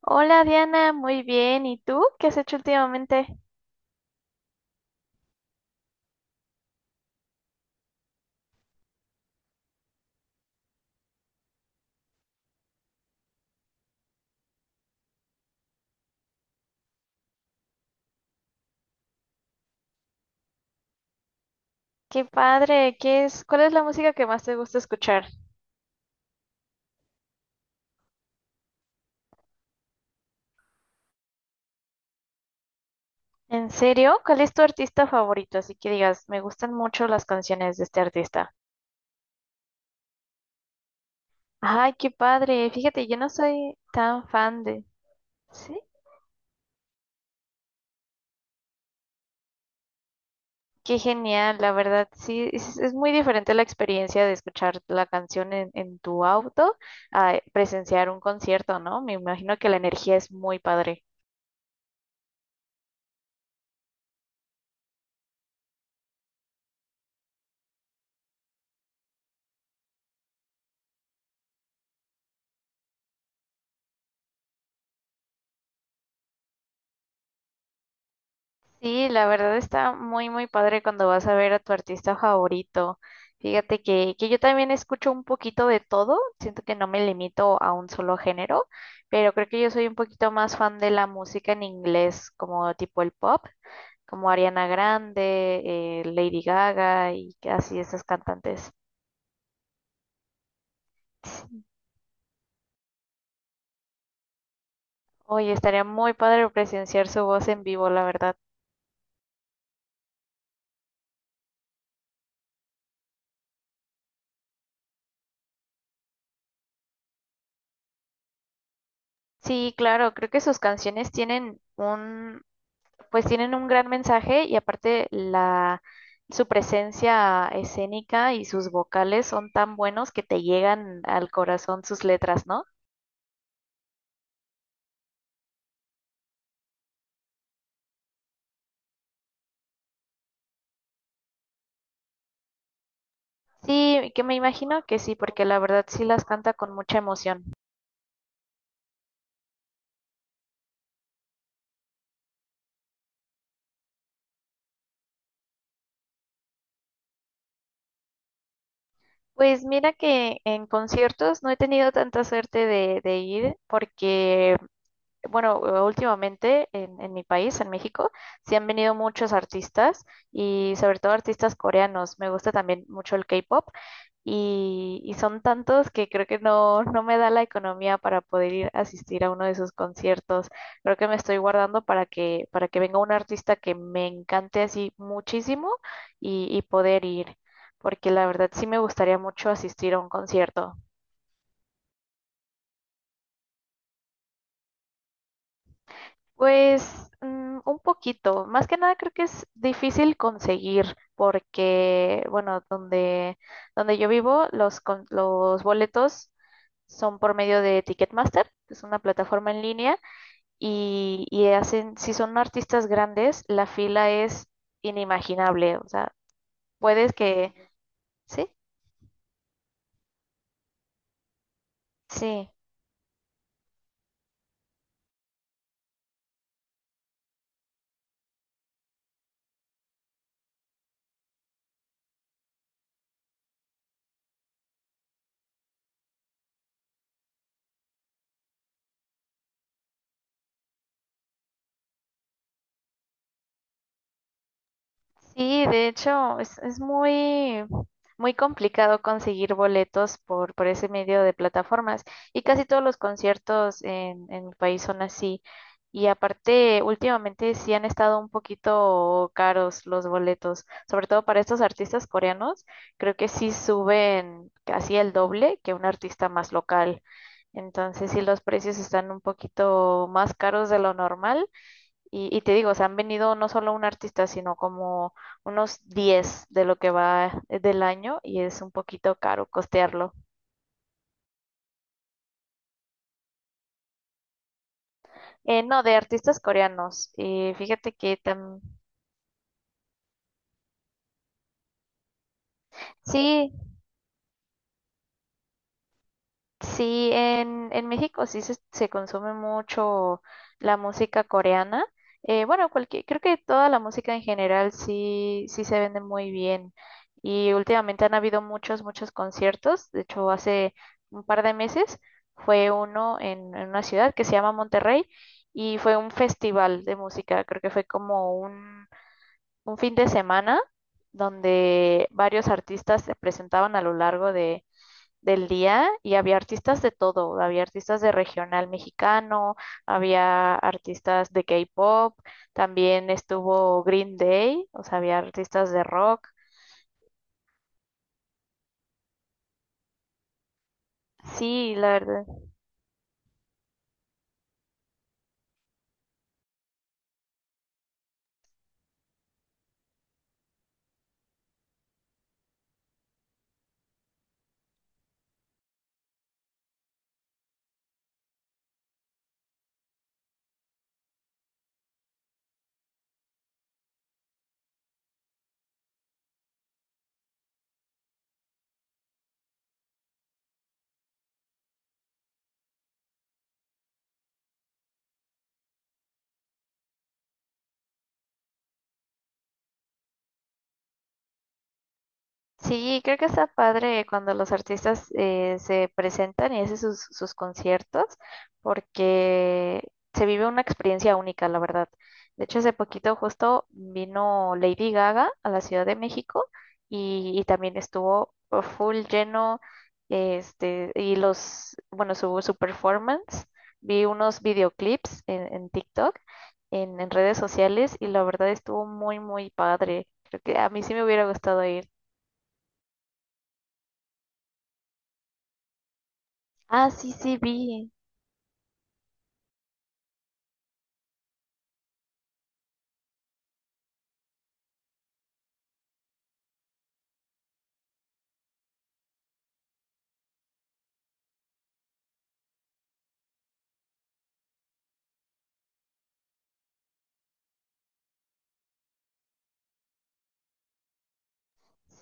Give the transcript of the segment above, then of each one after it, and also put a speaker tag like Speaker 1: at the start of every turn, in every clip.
Speaker 1: Hola Diana, muy bien. ¿Y tú? ¿Qué has hecho últimamente? Qué padre. ¿Qué es? ¿Cuál es la música que más te gusta escuchar? ¿En serio? ¿Cuál es tu artista favorito? Así que digas, me gustan mucho las canciones de este artista. Ay, qué padre. Fíjate, yo no soy tan fan de. ¿Sí? Qué genial, la verdad. Sí, es muy diferente la experiencia de escuchar la canción en tu auto a presenciar un concierto, ¿no? Me imagino que la energía es muy padre. Sí, la verdad está muy, muy padre cuando vas a ver a tu artista favorito. Fíjate que yo también escucho un poquito de todo, siento que no me limito a un solo género, pero creo que yo soy un poquito más fan de la música en inglés, como tipo el pop, como Ariana Grande, Lady Gaga y que así esas cantantes. Oye, estaría muy padre presenciar su voz en vivo, la verdad. Sí, claro, creo que sus canciones tienen pues tienen un gran mensaje y aparte su presencia escénica y sus vocales son tan buenos que te llegan al corazón sus letras, ¿no? Sí, que me imagino que sí, porque la verdad sí las canta con mucha emoción. Pues mira que en conciertos no he tenido tanta suerte de ir porque bueno, últimamente en mi país, en México, sí han venido muchos artistas y sobre todo artistas coreanos. Me gusta también mucho el K-pop y son tantos que creo que no, no me da la economía para poder ir a asistir a uno de sus conciertos. Creo que me estoy guardando para que venga un artista que me encante así muchísimo y poder ir, porque la verdad sí me gustaría mucho asistir a un concierto. Pues un poquito, más que nada creo que es difícil conseguir porque, bueno, donde yo vivo, los boletos son por medio de Ticketmaster, que es una plataforma en línea, y hacen, si son artistas grandes, la fila es inimaginable, o sea, puedes que, sí, sí. Sí, de hecho, es muy, muy complicado conseguir boletos por ese medio de plataformas y casi todos los conciertos en mi país son así. Y aparte, últimamente sí han estado un poquito caros los boletos, sobre todo para estos artistas coreanos, creo que sí suben casi el doble que un artista más local. Entonces, sí, los precios están un poquito más caros de lo normal y te digo, o sea, han venido no solo un artista, sino como unos 10 de lo que va del año y es un poquito caro costearlo. No, de artistas coreanos. Fíjate que también. Sí. Sí, en México sí se consume mucho la música coreana. Bueno, creo que toda la música en general sí, sí se vende muy bien. Y últimamente han habido muchos, muchos conciertos. De hecho, hace un par de meses fue uno en una ciudad que se llama Monterrey y fue un festival de música. Creo que fue como un fin de semana donde varios artistas se presentaban a lo largo de del día y había artistas de todo, había artistas de regional mexicano, había artistas de K-pop, también estuvo Green Day, o sea, había artistas de rock. Sí, la verdad. Sí, creo que está padre cuando los artistas se presentan y hacen sus conciertos, porque se vive una experiencia única, la verdad. De hecho, hace poquito justo vino Lady Gaga a la Ciudad de México y también estuvo oh, full lleno, este, su performance, vi unos videoclips en TikTok, en redes sociales, y la verdad estuvo muy, muy padre. Creo que a mí sí me hubiera gustado ir. Ah, sí, sí, vi.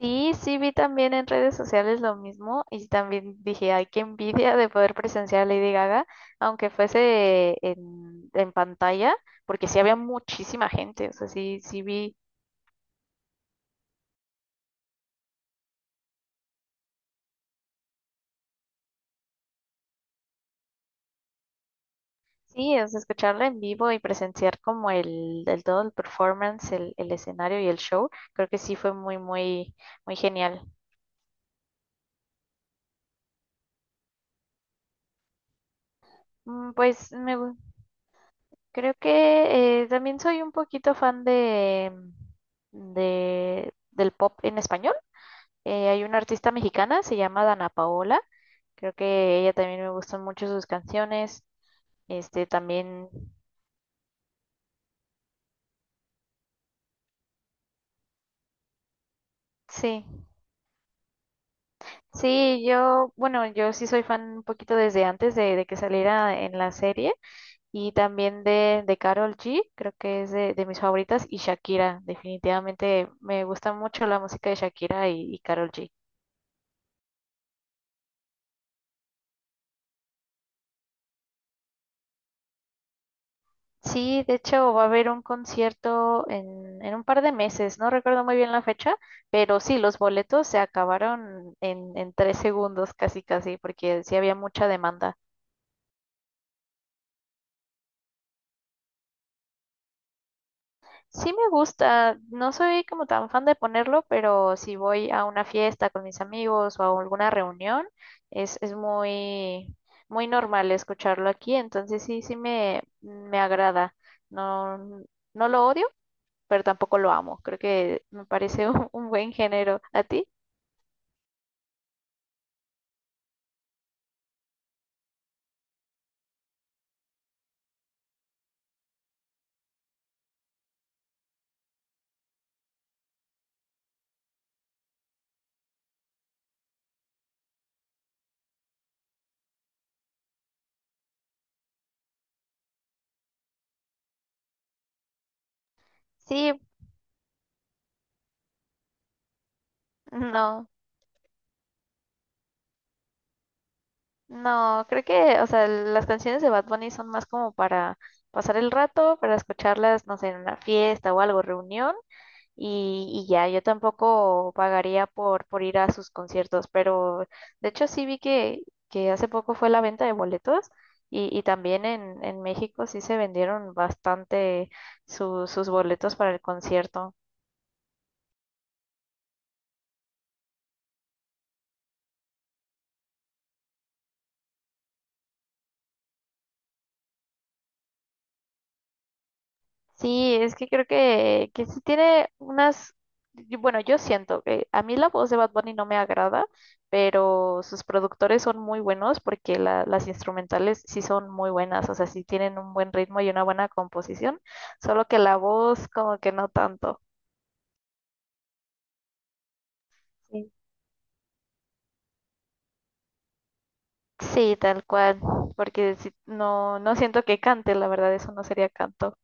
Speaker 1: Sí, sí, vi también en redes sociales lo mismo y también dije, ay, qué envidia de poder presenciar a Lady Gaga, aunque fuese en pantalla, porque sí había muchísima gente, o sea, sí, sí vi, sí, o sea, escucharla en vivo y presenciar como el todo el performance, el escenario y el show, creo que sí fue muy, muy, muy genial. Mm, Pues me, gu- Creo que también soy un poquito fan del pop en español. Hay una artista mexicana, se llama Dana Paola. Creo que ella también me gustan mucho sus canciones. Este también, sí. Sí, yo, bueno, yo sí soy fan un poquito desde antes de que saliera en la serie. Y también de Karol G, creo que es de mis favoritas. Y Shakira, definitivamente me gusta mucho la música de Shakira y Karol G. Sí, de hecho va a haber un concierto en un par de meses, no recuerdo muy bien la fecha, pero sí, los boletos se acabaron en 3 segundos casi casi, porque sí había mucha demanda. Sí me gusta, no soy como tan fan de ponerlo, pero si voy a una fiesta con mis amigos o a alguna reunión, es muy, muy normal escucharlo aquí, entonces sí, sí me agrada. No, no lo odio, pero tampoco lo amo. Creo que me parece un buen género. ¿A ti? Sí, no, no, creo que, o sea, las canciones de Bad Bunny son más como para pasar el rato, para escucharlas, no sé, en una fiesta o algo, reunión, y ya, yo tampoco pagaría por ir a sus conciertos, pero de hecho sí vi que hace poco fue la venta de boletos. Y también en México sí se vendieron bastante sus boletos para el concierto. Sí, es que creo que sí tiene unas, y bueno, yo siento que a mí la voz de Bad Bunny no me agrada, pero sus productores son muy buenos porque las instrumentales sí son muy buenas, o sea, sí tienen un buen ritmo y una buena composición, solo que la voz como que no tanto. Sí. Sí, tal cual, porque no, no siento que cante, la verdad, eso no sería canto.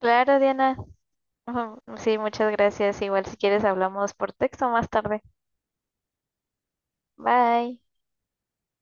Speaker 1: Claro, Diana. Ujú, sí, muchas gracias. Igual si quieres hablamos por texto más tarde. Bye.